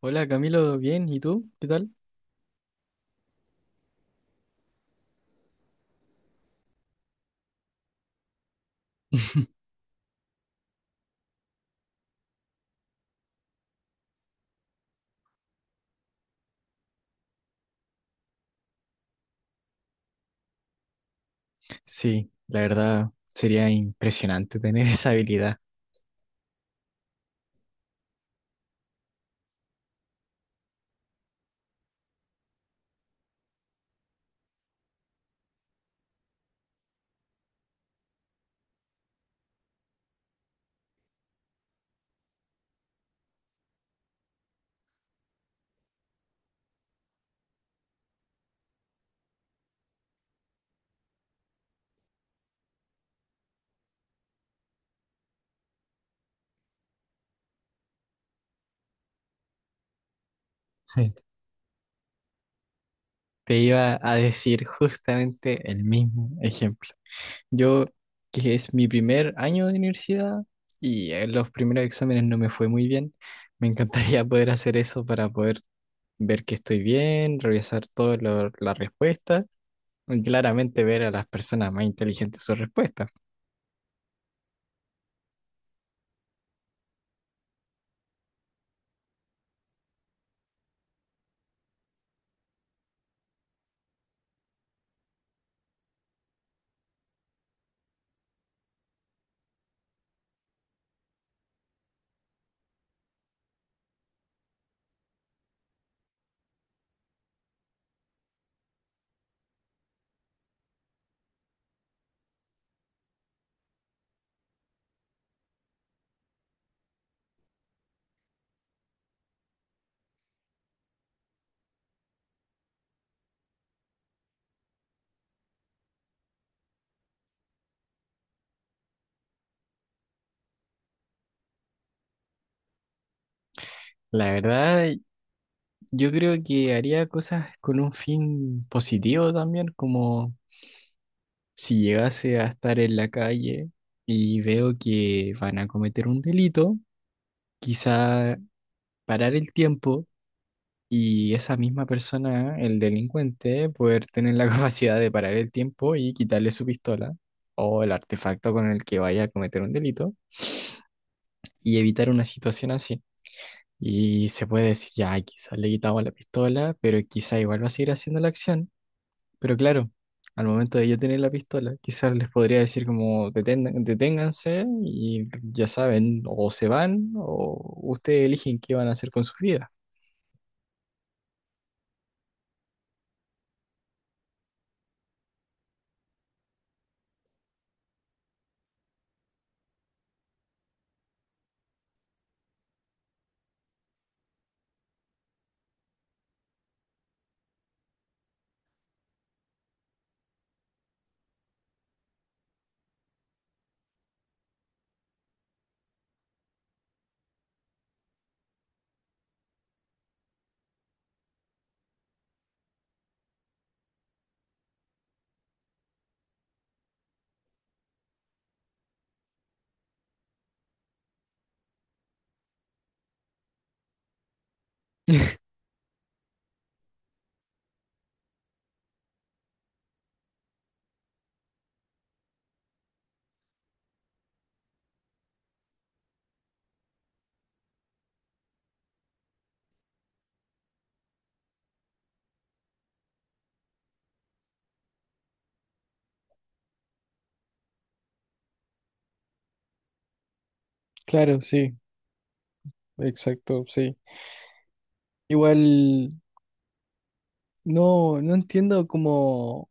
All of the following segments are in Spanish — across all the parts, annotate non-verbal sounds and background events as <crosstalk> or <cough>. Hola Camilo, bien, ¿y tú? ¿Qué tal? Sí, la verdad sería impresionante tener <laughs> esa habilidad. Sí. Te iba a decir justamente el mismo ejemplo. Yo, que es mi primer año de universidad y en los primeros exámenes no me fue muy bien, me encantaría <laughs> poder hacer eso para poder ver que estoy bien, revisar todas las respuestas y claramente ver a las personas más inteligentes sus respuestas. La verdad, yo creo que haría cosas con un fin positivo también, como si llegase a estar en la calle y veo que van a cometer un delito, quizá parar el tiempo y esa misma persona, el delincuente, poder tener la <laughs> capacidad de parar el tiempo y quitarle su pistola o el artefacto con el que vaya a cometer un delito y evitar una situación así. Y se puede decir, ya, quizás le quitamos la pistola, pero quizá igual va a seguir haciendo la acción. Pero claro, al momento de yo tener la pistola, quizás les podría decir como deténganse y ya saben, o se van o ustedes eligen qué van a hacer con sus vidas". Claro, sí, exacto, sí. Igual no entiendo como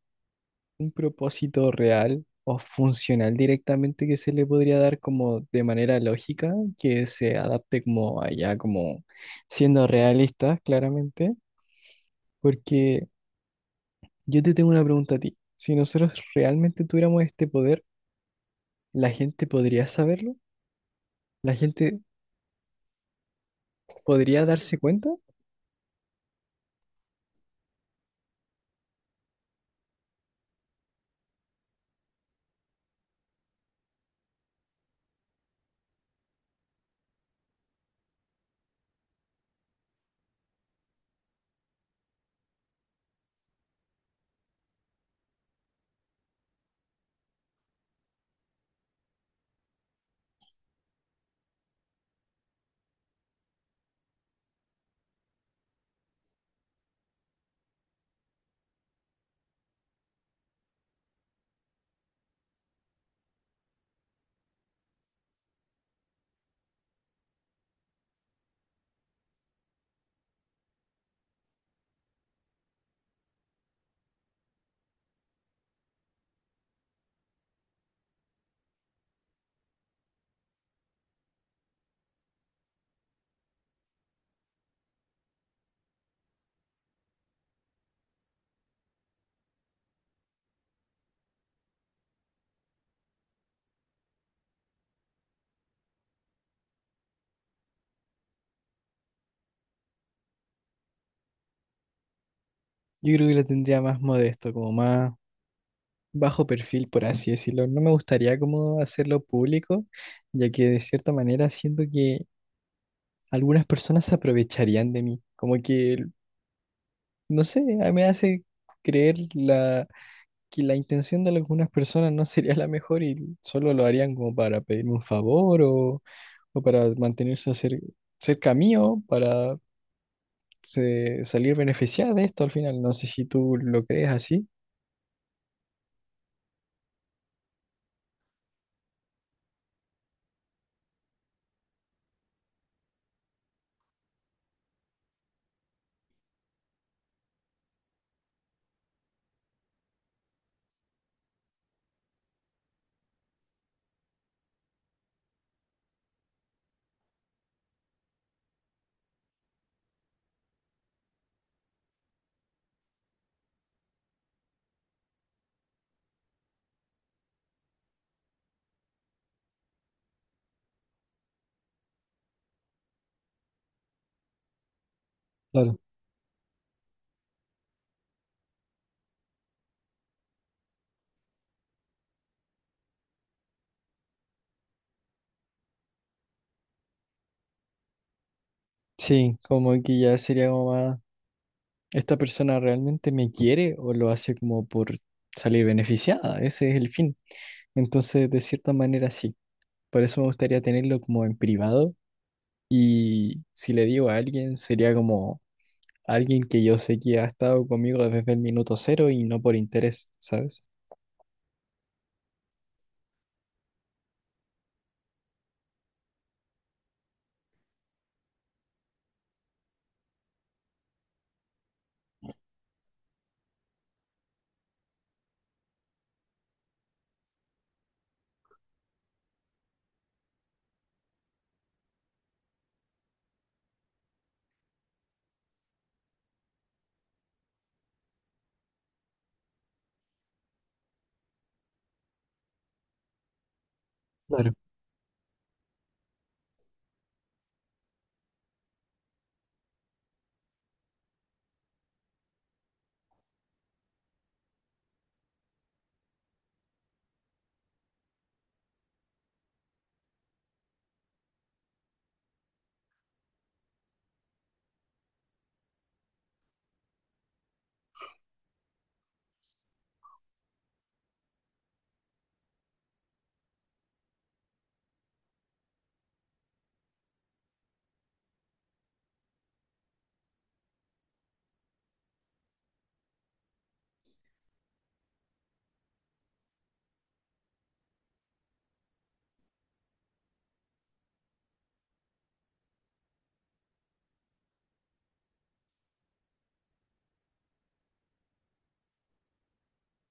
un propósito real o funcional directamente que se le podría dar como de manera lógica, que se adapte como allá, como siendo realistas, claramente, porque yo te tengo una pregunta a ti. Si nosotros realmente tuviéramos este poder, ¿la gente podría saberlo? ¿La gente podría darse cuenta? Yo creo que lo tendría más modesto, como más bajo perfil, por así decirlo. No me gustaría como hacerlo público, ya que de cierta manera siento que algunas personas se aprovecharían de mí. Como que, no sé, me hace creer la, que la intención de algunas personas no sería la mejor y solo lo harían como para pedirme un favor o para mantenerse cerca mío, para salir beneficiada de esto al final. No sé si tú lo crees así. Claro. Sí, como que ya sería como más, ¿esta persona realmente me quiere o lo hace como por salir beneficiada? Ese es el fin. Entonces, de cierta manera, sí. Por eso me gustaría tenerlo como en privado y si le digo a alguien, sería como alguien que yo sé que ha estado conmigo desde el minuto cero y no por interés, ¿sabes? Claro,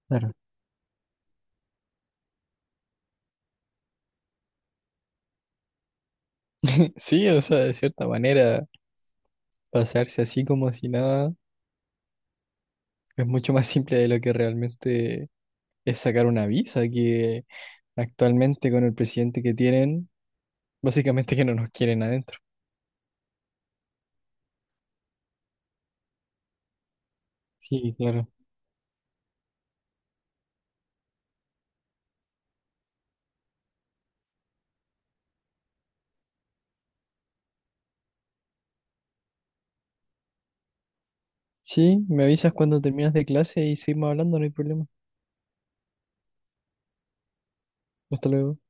claro. Sí, o sea, de cierta manera, pasarse así como si nada es mucho más simple de lo que realmente es sacar una visa, que actualmente con el presidente que tienen, básicamente que no nos quieren adentro. Sí, claro. Sí, me avisas cuando terminas de clase y seguimos hablando, no hay problema. Hasta luego.